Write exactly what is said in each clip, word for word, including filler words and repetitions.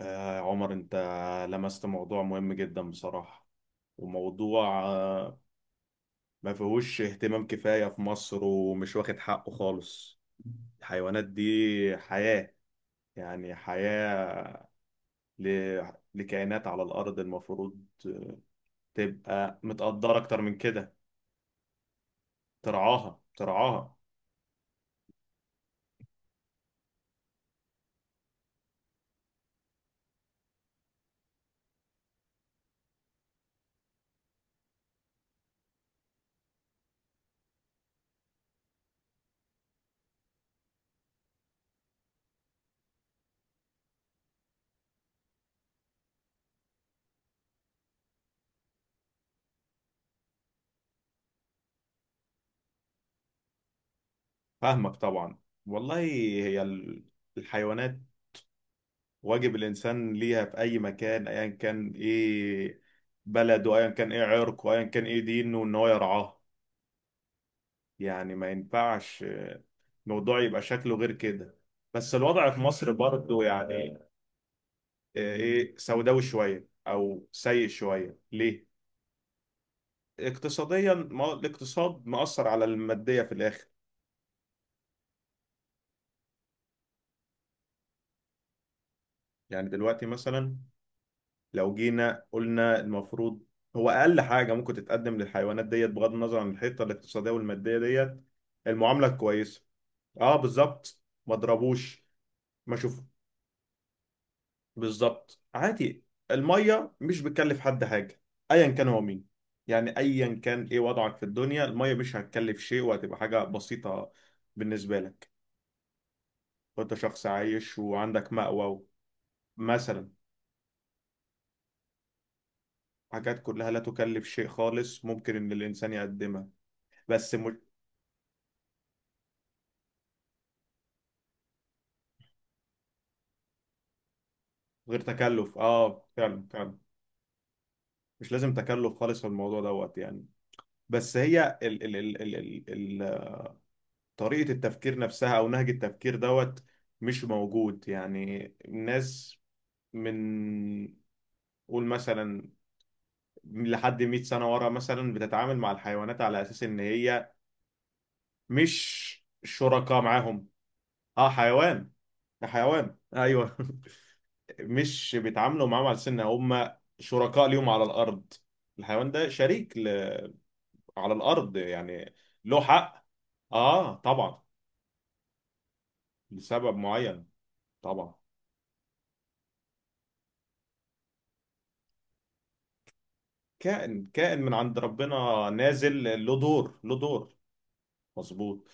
آه، عمر، انت لمست موضوع مهم جدا بصراحة. وموضوع آه ما فيهوش اهتمام كفاية في مصر ومش واخد حقه خالص. الحيوانات دي حياة، يعني حياة ل... لكائنات على الأرض المفروض تبقى متقدرة أكتر من كده. ترعاها ترعاها. فاهمك طبعا. والله هي ال- الحيوانات، واجب الانسان ليها في اي مكان، ايا كان ايه بلده، ايا كان ايه عرقه، ايا كان ايه دينه ان هو يرعاه. يعني ما ينفعش آه، الموضوع يبقى شكله غير كده. بس الوضع في مصر برضه يعني آه، ايه سوداوي شويه او سيء شويه ليه. اقتصاديا، ما هو الاقتصاد مأثر على الماديه في الاخر. يعني دلوقتي مثلا لو جينا قلنا المفروض، هو اقل حاجه ممكن تتقدم للحيوانات ديت، بغض النظر عن الحته الاقتصاديه والماديه ديت، المعامله الكويسه. اه بالظبط، ما اضربوش. ما شوف. بالظبط عادي. الميه مش بتكلف حد حاجه، ايا كان هو مين. يعني ايا كان ايه وضعك في الدنيا، الميه مش هتكلف شيء، وهتبقى حاجه بسيطه بالنسبه لك وانت شخص عايش وعندك مأوى. مثلا. حاجات كلها لا تكلف شيء خالص، ممكن ان الانسان يقدمها. بس م... غير تكلف، اه فعلا فعلا. مش لازم تكلف خالص في الموضوع دوت يعني. بس هي ال ال ال ال ال ال طريقة التفكير نفسها او نهج التفكير دوت مش موجود. يعني الناس من قول مثلا لحد 100 سنة ورا، مثلا بتتعامل مع الحيوانات على اساس ان هي مش شركاء معاهم. اه حيوان، ده حيوان ايوه مش بيتعاملوا معاهم على سن هم شركاء ليهم على الارض. الحيوان ده شريك على الارض يعني. له حق. اه طبعا، لسبب معين. طبعا. كائن كائن من عند ربنا نازل، له دور له دور. مظبوط.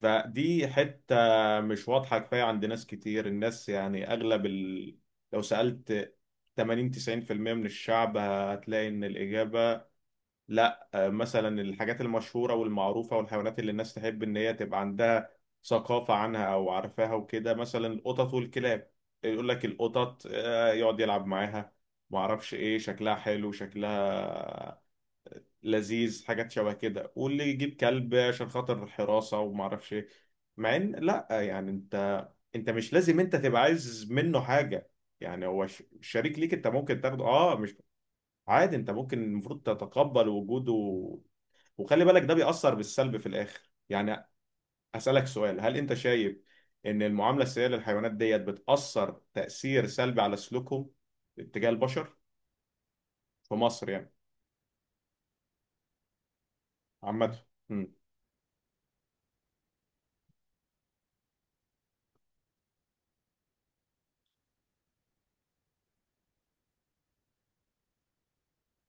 فدي حتة مش واضحة كفاية عند ناس كتير. الناس يعني اغلب ال... لو سألت تمانين تسعين بالمية من الشعب هتلاقي ان الاجابة لا آه، مثلا الحاجات المشهورة والمعروفة والحيوانات اللي الناس تحب إن هي تبقى عندها ثقافة عنها أو عارفاها وكده، مثلا القطط والكلاب. يقول لك القطط آه، يقعد يلعب معاها، معرفش إيه شكلها حلو، شكلها لذيذ، حاجات شبه كده. واللي يجيب كلب عشان خاطر الحراسة ومعرفش إيه، مع إن لا آه، يعني أنت، أنت مش لازم أنت تبقى عايز منه حاجة. يعني هو ش- شريك ليك، أنت ممكن تاخده أه مش. عادي انت ممكن المفروض تتقبل وجوده. وخلي بالك ده بيأثر بالسلب في الآخر يعني. أسألك سؤال: هل انت شايف ان المعاملة السيئة للحيوانات ديت بتأثر تأثير سلبي على سلوكهم اتجاه البشر في مصر يعني؟ عامة. امم.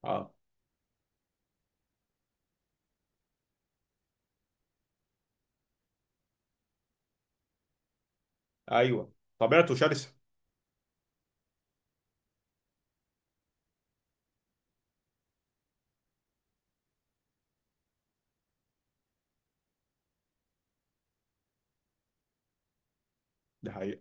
اه ايوه، طبيعته شرسة. دي حقيقة.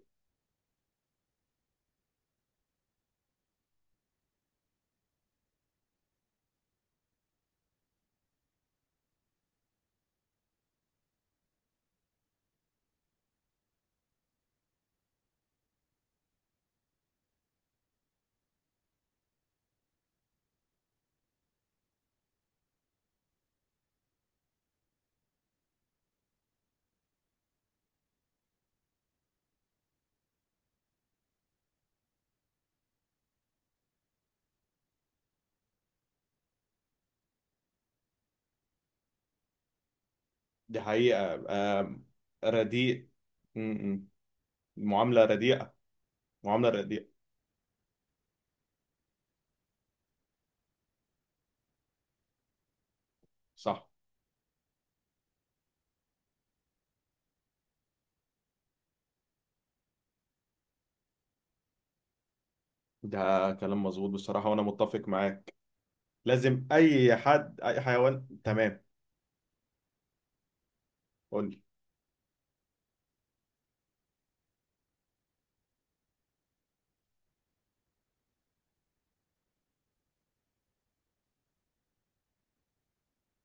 دي حقيقة. آم. رديء. امم. المعاملة رديئة. معاملة رديئة. صح. ده كلام مظبوط بصراحة، وأنا متفق معاك. لازم أي حد، أي حيوان. تمام. قول لي.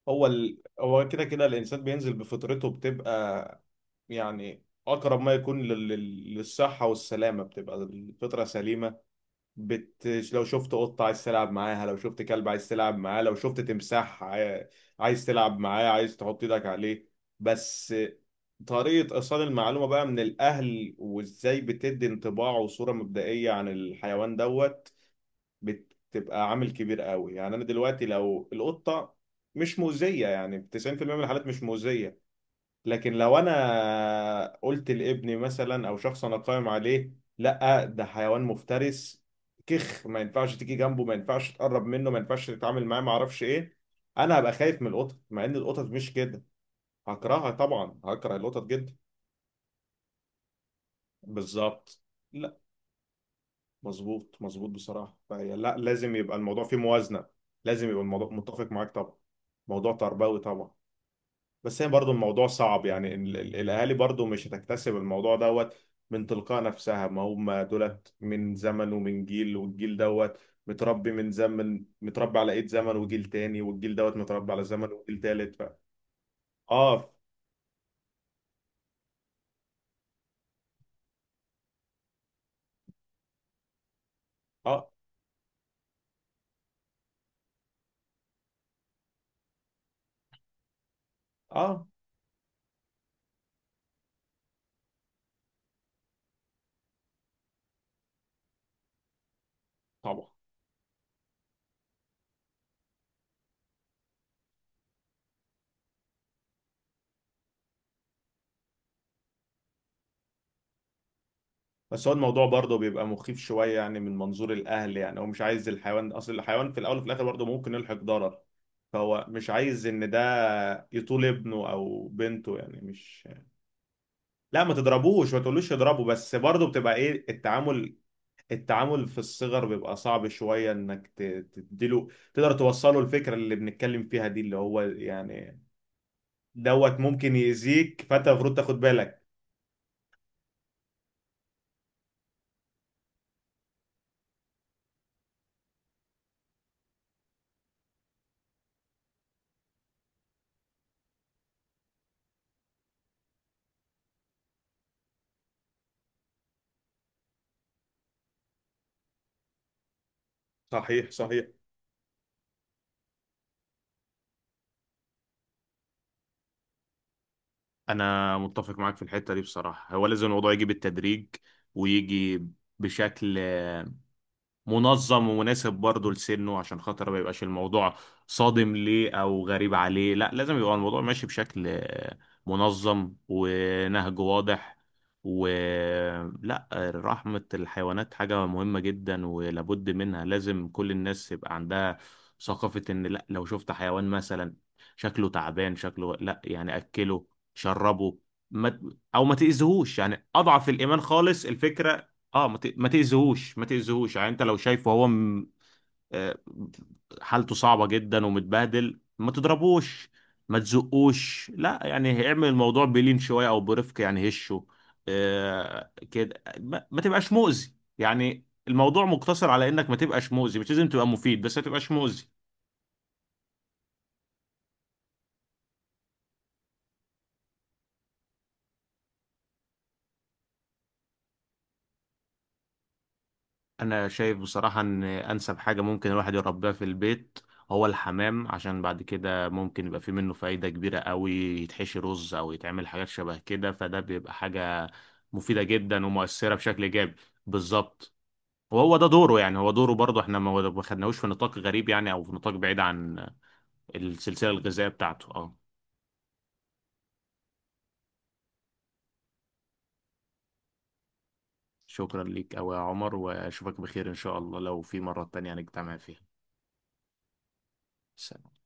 هو ال... هو كده كده الانسان بينزل بفطرته، بتبقى يعني اقرب ما يكون لل... لل- للصحه والسلامه. بتبقى الفطره سليمه. بت... لو شفت قطه عايز تلعب معاها، لو شفت كلب عايز تلعب معاه، لو شفت تمساح عاي- عايز تلعب معاه، عايز تحط ايدك عليه. بس طريقه ايصال المعلومه بقى من الاهل، وازاي بتدي انطباع وصوره مبدئيه عن الحيوان دوت بتبقى عامل كبير قوي. يعني انا دلوقتي لو القطه مش مؤذيه، يعني في تسعين بالمية من الحالات مش مؤذيه، لكن لو انا قلت لابني مثلا او شخص انا قائم عليه: لا ده حيوان مفترس، كخ، ما ينفعش تيجي جنبه، ما ينفعش تقرب منه، ما ينفعش تتعامل معاه، ما اعرفش ايه، انا هبقى خايف من القطط، مع ان القطط مش كده. هكرهها طبعا، هكره القطط جدا. بالظبط. مظبوط مظبوط بصراحة. فهي لا، لازم يبقى الموضوع فيه موازنة. لازم يبقى الموضوع، متفق معاك طبعا. موضوع تربوي طبعا. بس هي برضو الموضوع صعب يعني ال- ال- الأهالي برضو مش هتكتسب الموضوع دوت من تلقاء نفسها. ما هم دولت من زمن ومن جيل، والجيل دوت متربي من زمن، متربي على إيد زمن وجيل تاني، والجيل دوت متربي على زمن وجيل تالت، ف... اه اه اه طبعا. بس هو الموضوع برضه بيبقى مخيف شوية يعني من منظور الأهل، يعني هو مش عايز الحيوان، أصل الحيوان في الأول وفي الآخر برضه ممكن يلحق ضرر، فهو مش عايز إن ده يطول ابنه أو بنته، يعني مش. لا ما تضربوش، ما تقولوش يضربه، بس برضه بتبقى إيه التعامل. التعامل في الصغر بيبقى صعب شوية إنك ت- تديله، تقدر توصله الفكرة اللي بنتكلم فيها دي، اللي هو يعني دوت ممكن يأذيك، فأنت المفروض تاخد بالك. صحيح صحيح. انا متفق معاك في الحته دي بصراحه. هو لازم الموضوع يجي بالتدريج، ويجي بشكل منظم ومناسب برضه لسنه، عشان خاطر ما يبقاش الموضوع صادم ليه او غريب عليه. لا لازم يبقى الموضوع ماشي بشكل آه، منظم، ونهج واضح ولا. رحمة الحيوانات حاجة مهمة جدا ولابد منها، لازم كل الناس يبقى عندها ثقافة ان لا، لو شفت حيوان مثلا شكله تعبان، شكله لا يعني اكله شربه ما، او ما تأذيهوش، يعني اضعف الايمان خالص الفكرة. اه ما ت- ما تأذيهوش ما تأذيهوش، يعني انت لو شايفه هو م... آه، حالته صعبة جدا ومتبهدل، ما تضربوش ما تزقوش، لا يعني اعمل الموضوع بلين شوية او برفق يعني هشه. آه كده، ما, ما تبقاش مؤذي، يعني الموضوع مقتصر على انك ما تبقاش مؤذي، مش لازم تبقى مفيد، بس ما تبقاش مؤذي. انا شايف بصراحة ان انسب حاجة ممكن الواحد يربيها في البيت هو الحمام، عشان بعد كده ممكن يبقى في منه فايدة كبيرة قوي، يتحشي رز او يتعمل حاجات شبه كده، فده بيبقى حاجة مفيدة جدا ومؤثرة بشكل ايجابي. بالظبط. وهو ده دوره يعني، هو دوره برضه، احنا ما ما خدناهوش في نطاق غريب يعني، او في نطاق بعيد عن السلسلة الغذائية بتاعته. اه شكرا ليك أوي يا عمر، واشوفك بخير ان شاء الله لو في مرة تانية هنجتمع فيها. سلام.